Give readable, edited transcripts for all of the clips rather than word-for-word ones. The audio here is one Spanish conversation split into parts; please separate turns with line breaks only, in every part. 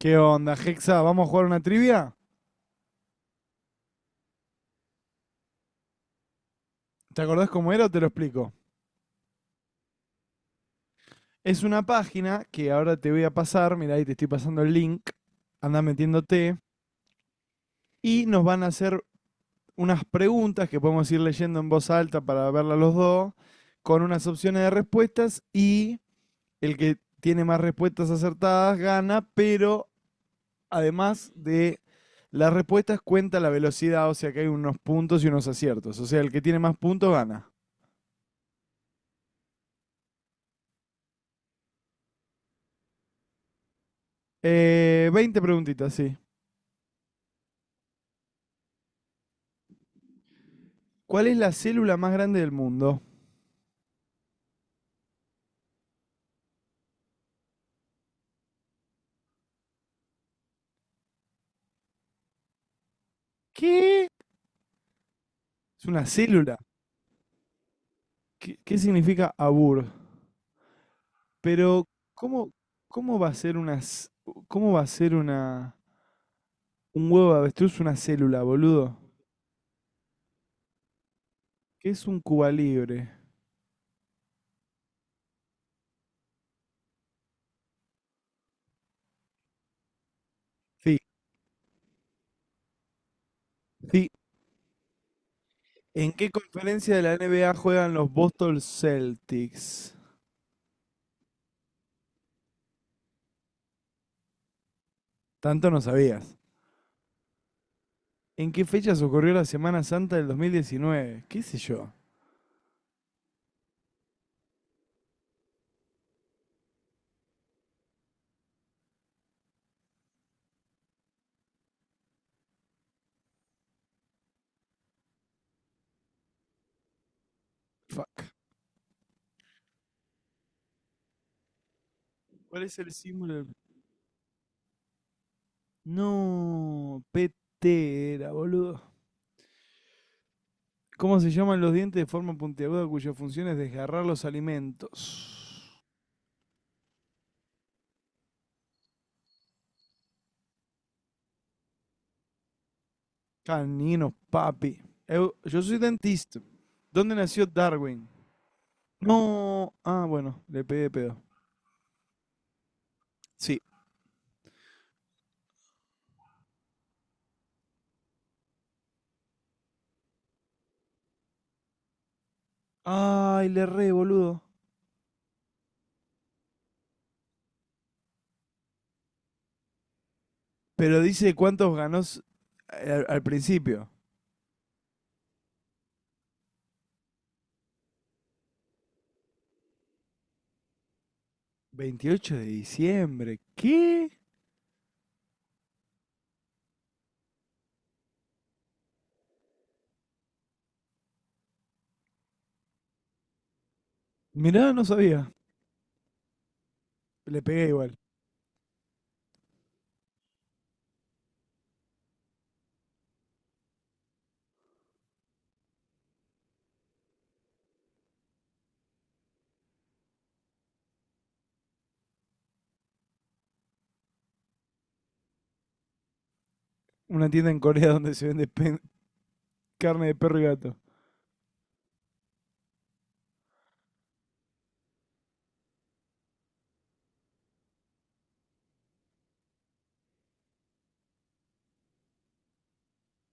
¿Qué onda, Hexa? ¿Vamos a jugar una trivia? ¿Te acordás cómo era o te lo explico? Es una página que ahora te voy a pasar, mirá, ahí te estoy pasando el link, anda metiéndote, y nos van a hacer unas preguntas que podemos ir leyendo en voz alta para verla los dos, con unas opciones de respuestas y el que tiene más respuestas acertadas gana, pero además de las respuestas cuenta la velocidad, o sea que hay unos puntos y unos aciertos, o sea, el que tiene más puntos gana. 20 preguntitas, sí. ¿Cuál es la célula más grande del mundo? ¿Qué? Es una célula. ¿Qué significa abur? Pero, ¿cómo, cómo va a ser una, c- cómo va a ser una, un huevo de avestruz una célula, boludo? ¿Qué es un Cuba libre? Sí, sí. ¿En qué conferencia de la NBA juegan los Boston Celtics? Tanto no sabías. ¿En qué fechas ocurrió la Semana Santa del 2019? ¿Qué sé yo? Fuck. ¿Cuál es el símbolo del... No, PT era, boludo. ¿Cómo se llaman los dientes de forma puntiaguda cuya función es desgarrar los alimentos? Caninos, papi. Yo soy dentista. ¿Dónde nació Darwin? No. Ah, bueno, le pegué de pedo. Sí. Ay, le re, boludo. Pero dice cuántos ganó al principio. 28 de diciembre. ¿Qué? Mirá, no sabía. Le pegué igual. Una tienda en Corea donde se vende carne de perro y gato.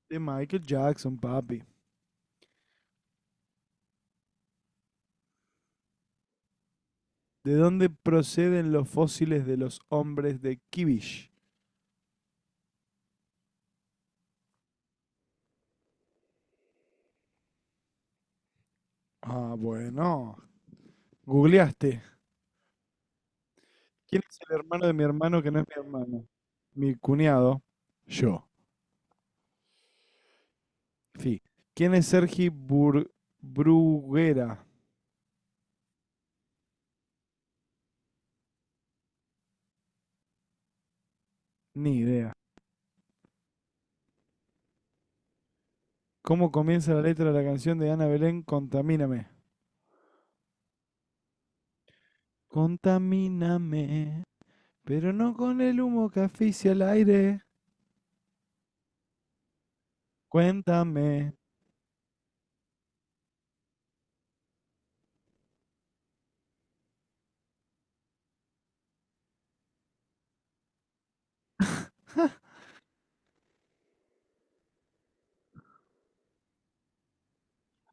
De Michael Jackson, papi. ¿De dónde proceden los fósiles de los hombres de Kivish? Ah, bueno. Googleaste. ¿Quién es el hermano de mi hermano que no es mi hermano? Mi cuñado. Yo. Sí. ¿Quién es Sergi Bruguera? Ni idea. ¿Cómo comienza la letra de la canción de Ana Belén, Contamíname? Contamíname, pero no con el humo que asfixia el aire. Cuéntame.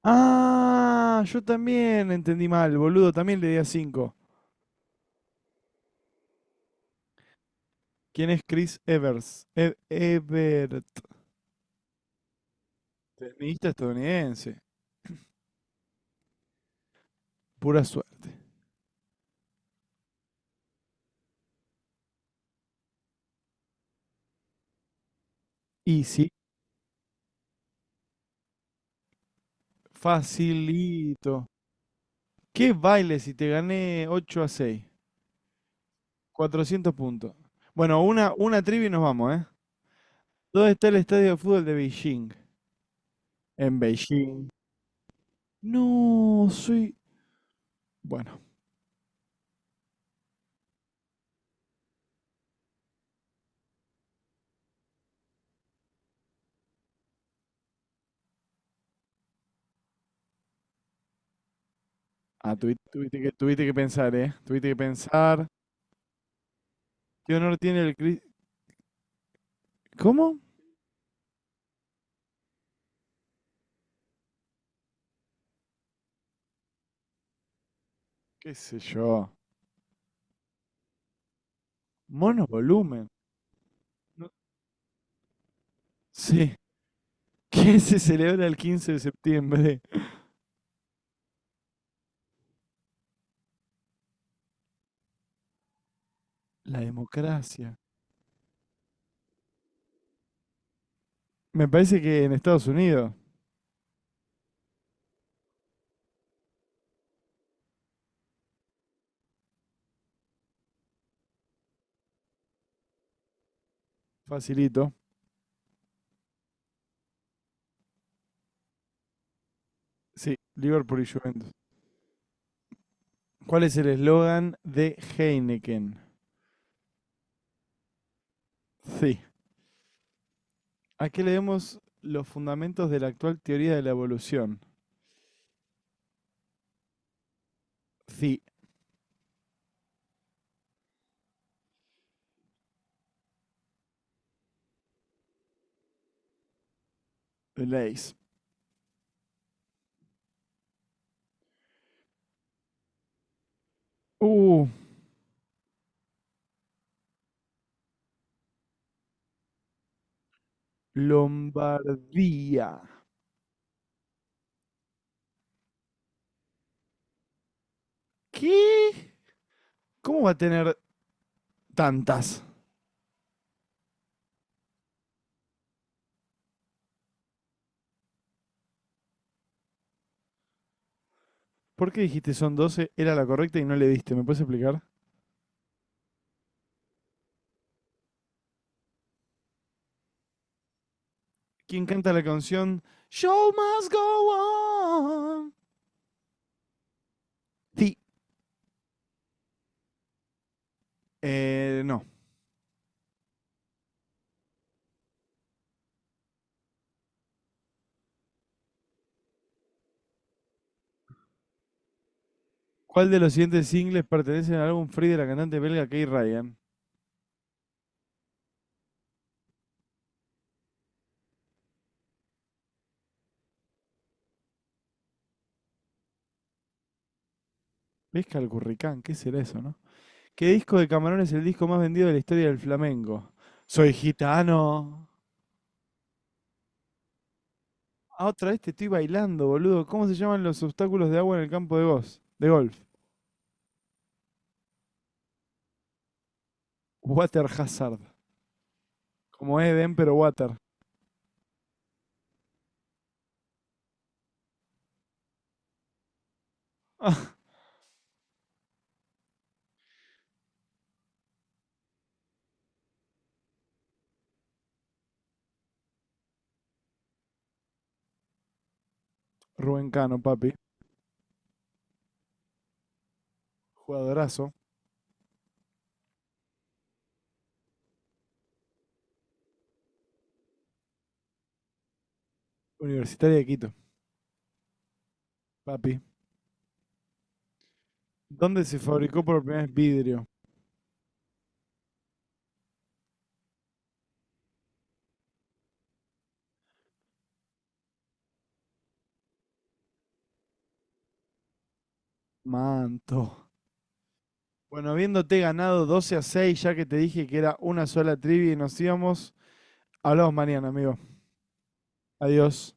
Ah, yo también entendí mal, boludo, también le di a 5. ¿Quién es Chris Evers? Ebert, tenista estadounidense. Pura suerte. Y sí, facilito. ¿Qué baile si te gané 8-6, 400 puntos. Bueno, una trivia y nos vamos, ¿eh? ¿Dónde está el estadio de fútbol de Beijing? En Beijing. No, soy... Bueno, tuviste que pensar, ¿eh? Tuviste que pensar. ¿Qué honor tiene el Chris? ¿Cómo? ¿Qué sé yo? Mono volumen. No- Sí. Qué se celebra el 15 de septiembre. La democracia. Me parece que en Estados Unidos, facilito. Sí, Liverpool y Juventus. ¿Cuál es el eslogan de Heineken? Sí. Aquí leemos los fundamentos de la actual teoría de la evolución. Sí, leis. Uh, Lombardía. ¿Qué? ¿Cómo va a tener tantas? ¿Por qué dijiste son doce? Era la correcta y no le diste. ¿Me puedes explicar? ¿Quién canta la canción Show Must Go On? Sí. No. ¿Cuál de los siguientes singles pertenece al álbum Free de la cantante belga Kay Ryan? Pesca al curricán, ¿qué será eso, no? ¿Qué disco de Camarón es el disco más vendido de la historia del flamenco? Soy gitano. Ah, otra vez te estoy bailando, boludo. ¿Cómo se llaman los obstáculos de agua en el campo de golf? De golf. Water Hazard. Como Eden, pero Water. Ah, Rubén Cano, papi. Jugadorazo. Universitaria de Quito, papi. ¿Dónde se fabricó por primera vez vidrio? Manto. Bueno, habiéndote ganado 12-6, ya que te dije que era una sola trivia y nos íbamos, hablamos mañana, amigo. Adiós.